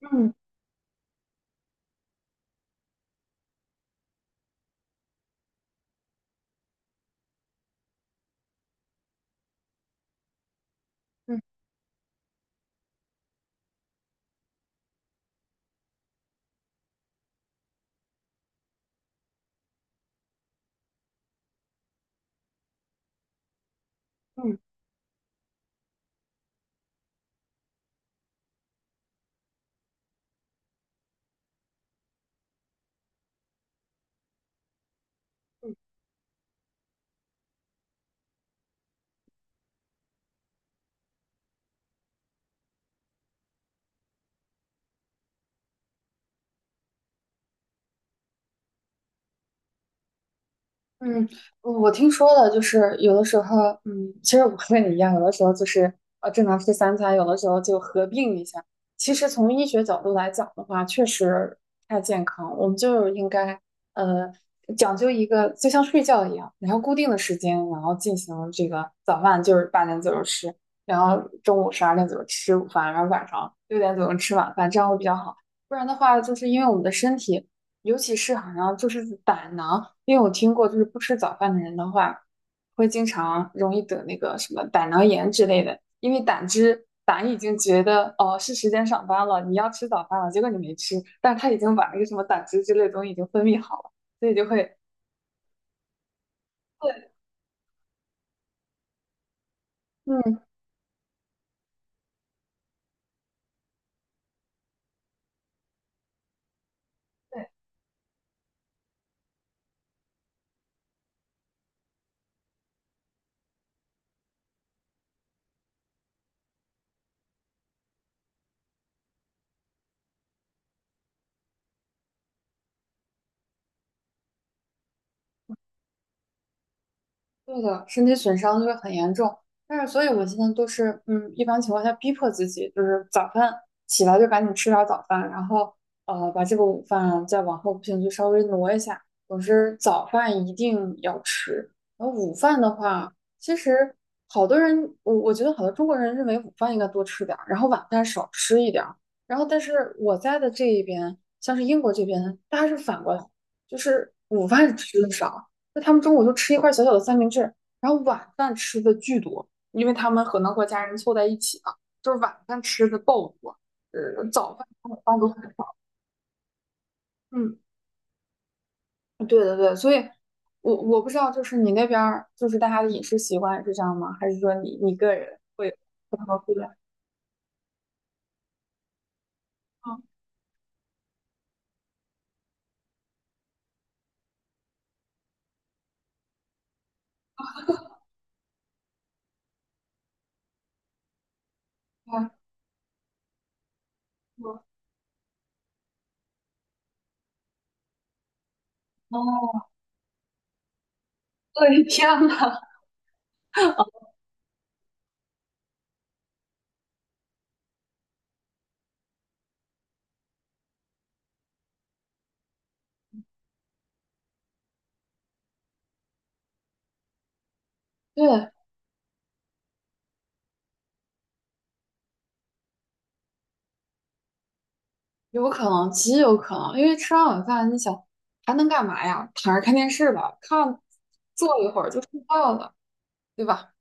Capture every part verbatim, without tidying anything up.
嗯嗯嗯嗯，嗯我听说了，就是有的时候，嗯，其实我和你一样，有的时候就是呃，正常吃三餐，有的时候就合并一下。其实从医学角度来讲的话，确实不太健康，我们就应该呃讲究一个，就像睡觉一样，然后固定的时间，然后进行这个早饭就是八点左右吃，然后中午十二点左右吃午饭，然后晚上六点左右吃晚饭，这样会比较好。不然的话，就是因为我们的身体。尤其是好像就是胆囊，因为我听过，就是不吃早饭的人的话，会经常容易得那个什么胆囊炎之类的，因为胆汁胆已经觉得哦是时间上班了，你要吃早饭了，结果你没吃，但是他已经把那个什么胆汁之类的东西已经分泌好了，所以就会。对，嗯。对。对的，身体损伤就会很严重。但是，所以我现在都是，嗯，一般情况下逼迫自己，就是早饭起来就赶紧吃点儿早饭，然后呃，把这个午饭再往后不行就稍微挪一下。总之，早饭一定要吃。然后午饭的话，其实好多人，我我觉得好多中国人认为午饭应该多吃点儿，然后晚饭少吃一点儿。然后，但是我在的这一边，像是英国这边，大家是反过来，就是午饭吃的少。那他们中午就吃一块小小的三明治，然后晚饭吃的巨多，因为他们可能和家人凑在一起嘛，就是晚饭吃的爆多，呃，早饭、中午饭都很，嗯，对对对，所以我我不知道，就是你那边儿就是大家的饮食习惯是这样吗？还是说你你个人会不太不一样？嗯，对我哦，我的天呐！对，有可能，极有可能，因为吃完晚饭，你想还能干嘛呀？躺着看电视吧，看坐一会儿就睡觉了，对吧？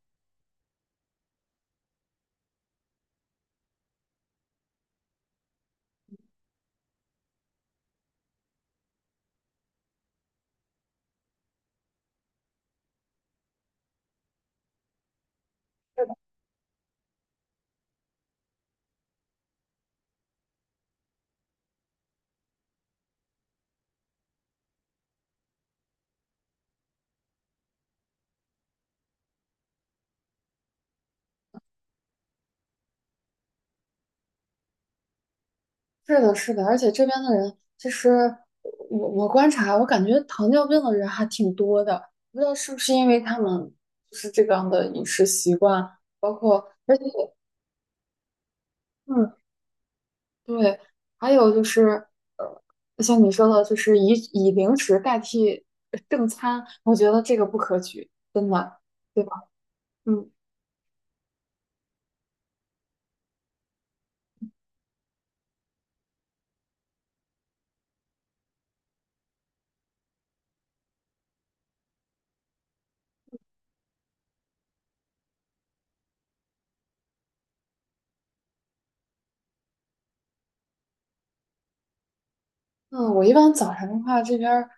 是的，是的，而且这边的人，其实我我观察，我感觉糖尿病的人还挺多的，不知道是不是因为他们就是这样的饮食习惯，包括而且嗯，对，还有就是呃，像你说的，就是以以零食代替呃正餐，我觉得这个不可取，真的，对吧？嗯。嗯，我一般早晨的话，这边儿，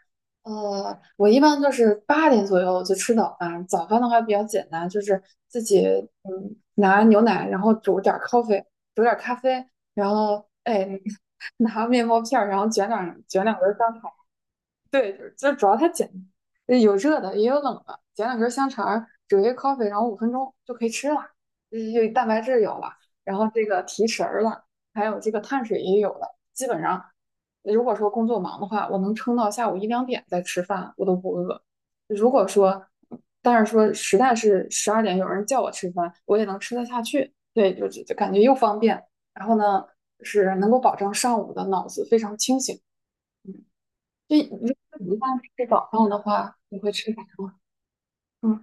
呃，我一般就是八点左右就吃早饭。早饭的话比较简单，就是自己嗯拿牛奶，然后煮点儿 coffee,煮点儿咖啡，然后哎 拿面包片儿，然后卷两卷两根儿香肠，对，就是这主要它简单有热的也有冷的，捡两根香肠儿，煮一个 coffee,然后五分钟就可以吃了，这有蛋白质有了，然后这个提神儿了，还有这个碳水也有了。基本上，如果说工作忙的话，我能撑到下午一两点再吃饭，我都不饿。如果说，但是说实在是十二点有人叫我吃饭，我也能吃得下去。对，就就就感觉又方便，然后呢是能够保证上午的脑子非常清醒。嗯就如果你一般吃早饭的话，你会吃啥？嗯，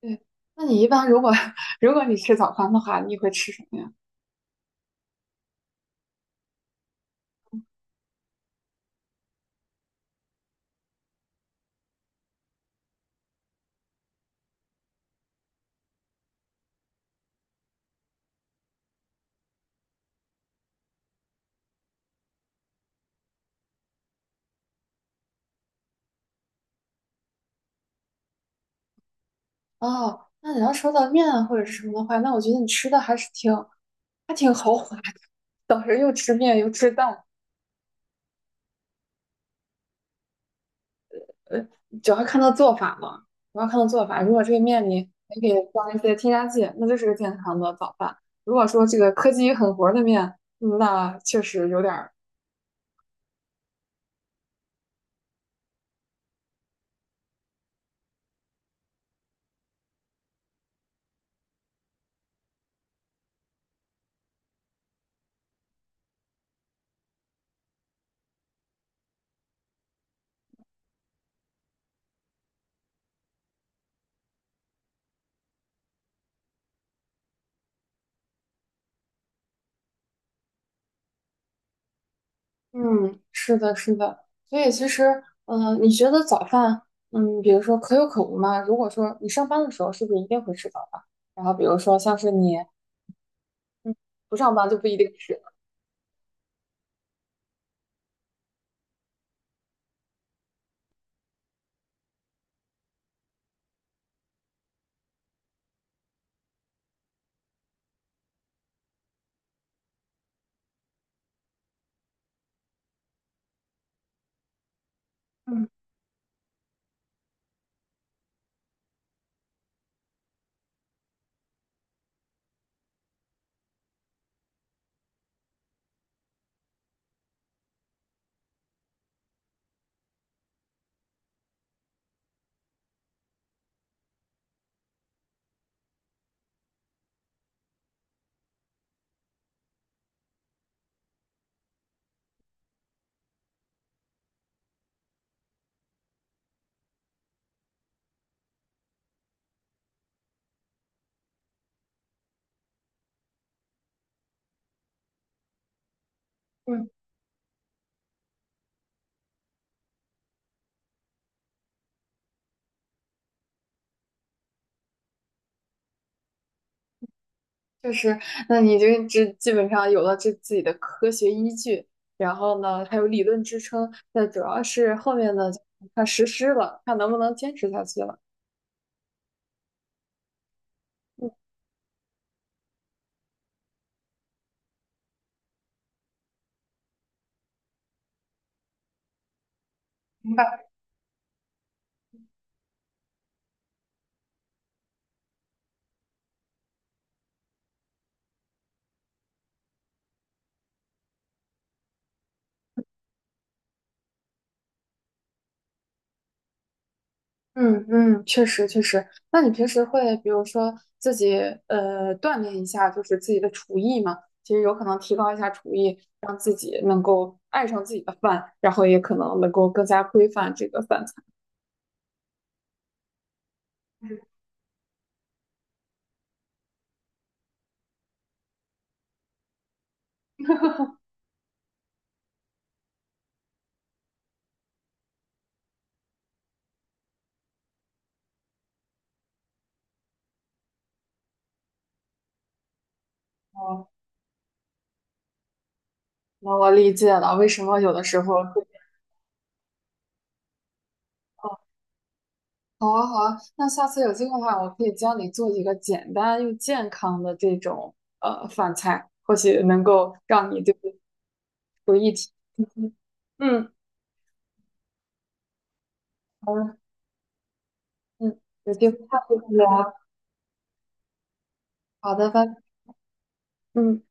对。那你一般如果 如果你吃早饭的话，你会吃什么呀？哦，那你要说到面啊或者是什么的话，那我觉得你吃的还是挺还挺豪华的，当时又吃面又吃蛋，主要看到做法嘛，主要看到做法。如果这个面里还给加一些添加剂，那就是个健康的早饭。如果说这个科技与狠活儿的面，嗯那确实有点儿嗯，是的，是的，所以其实，嗯、你觉得早饭，嗯，比如说可有可无嘛？如果说你上班的时候，是不是一定会吃早饭？然后比如说像是你不上班就不一定吃了。嗯嗯，确实。那你就这基本上有了这自己的科学依据，然后呢还有理论支撑，那主要是后面呢就看实施了，看能不能坚持下去了。嗯明白。嗯嗯，确实确实。那你平时会比如说自己呃锻炼一下，就是自己的厨艺嘛？其实有可能提高一下厨艺，让自己能够爱上自己的饭，然后也可能能够更加规范这个饭菜。哦，那我理解了，为什么有的时候会。哦，好啊好啊，那下次有机会的话，我可以教你做一个简单又健康的这种呃饭菜，或许能够让你就是厨艺提。嗯嗯，好的嗯，有机会下次再聊。好的，拜。嗯。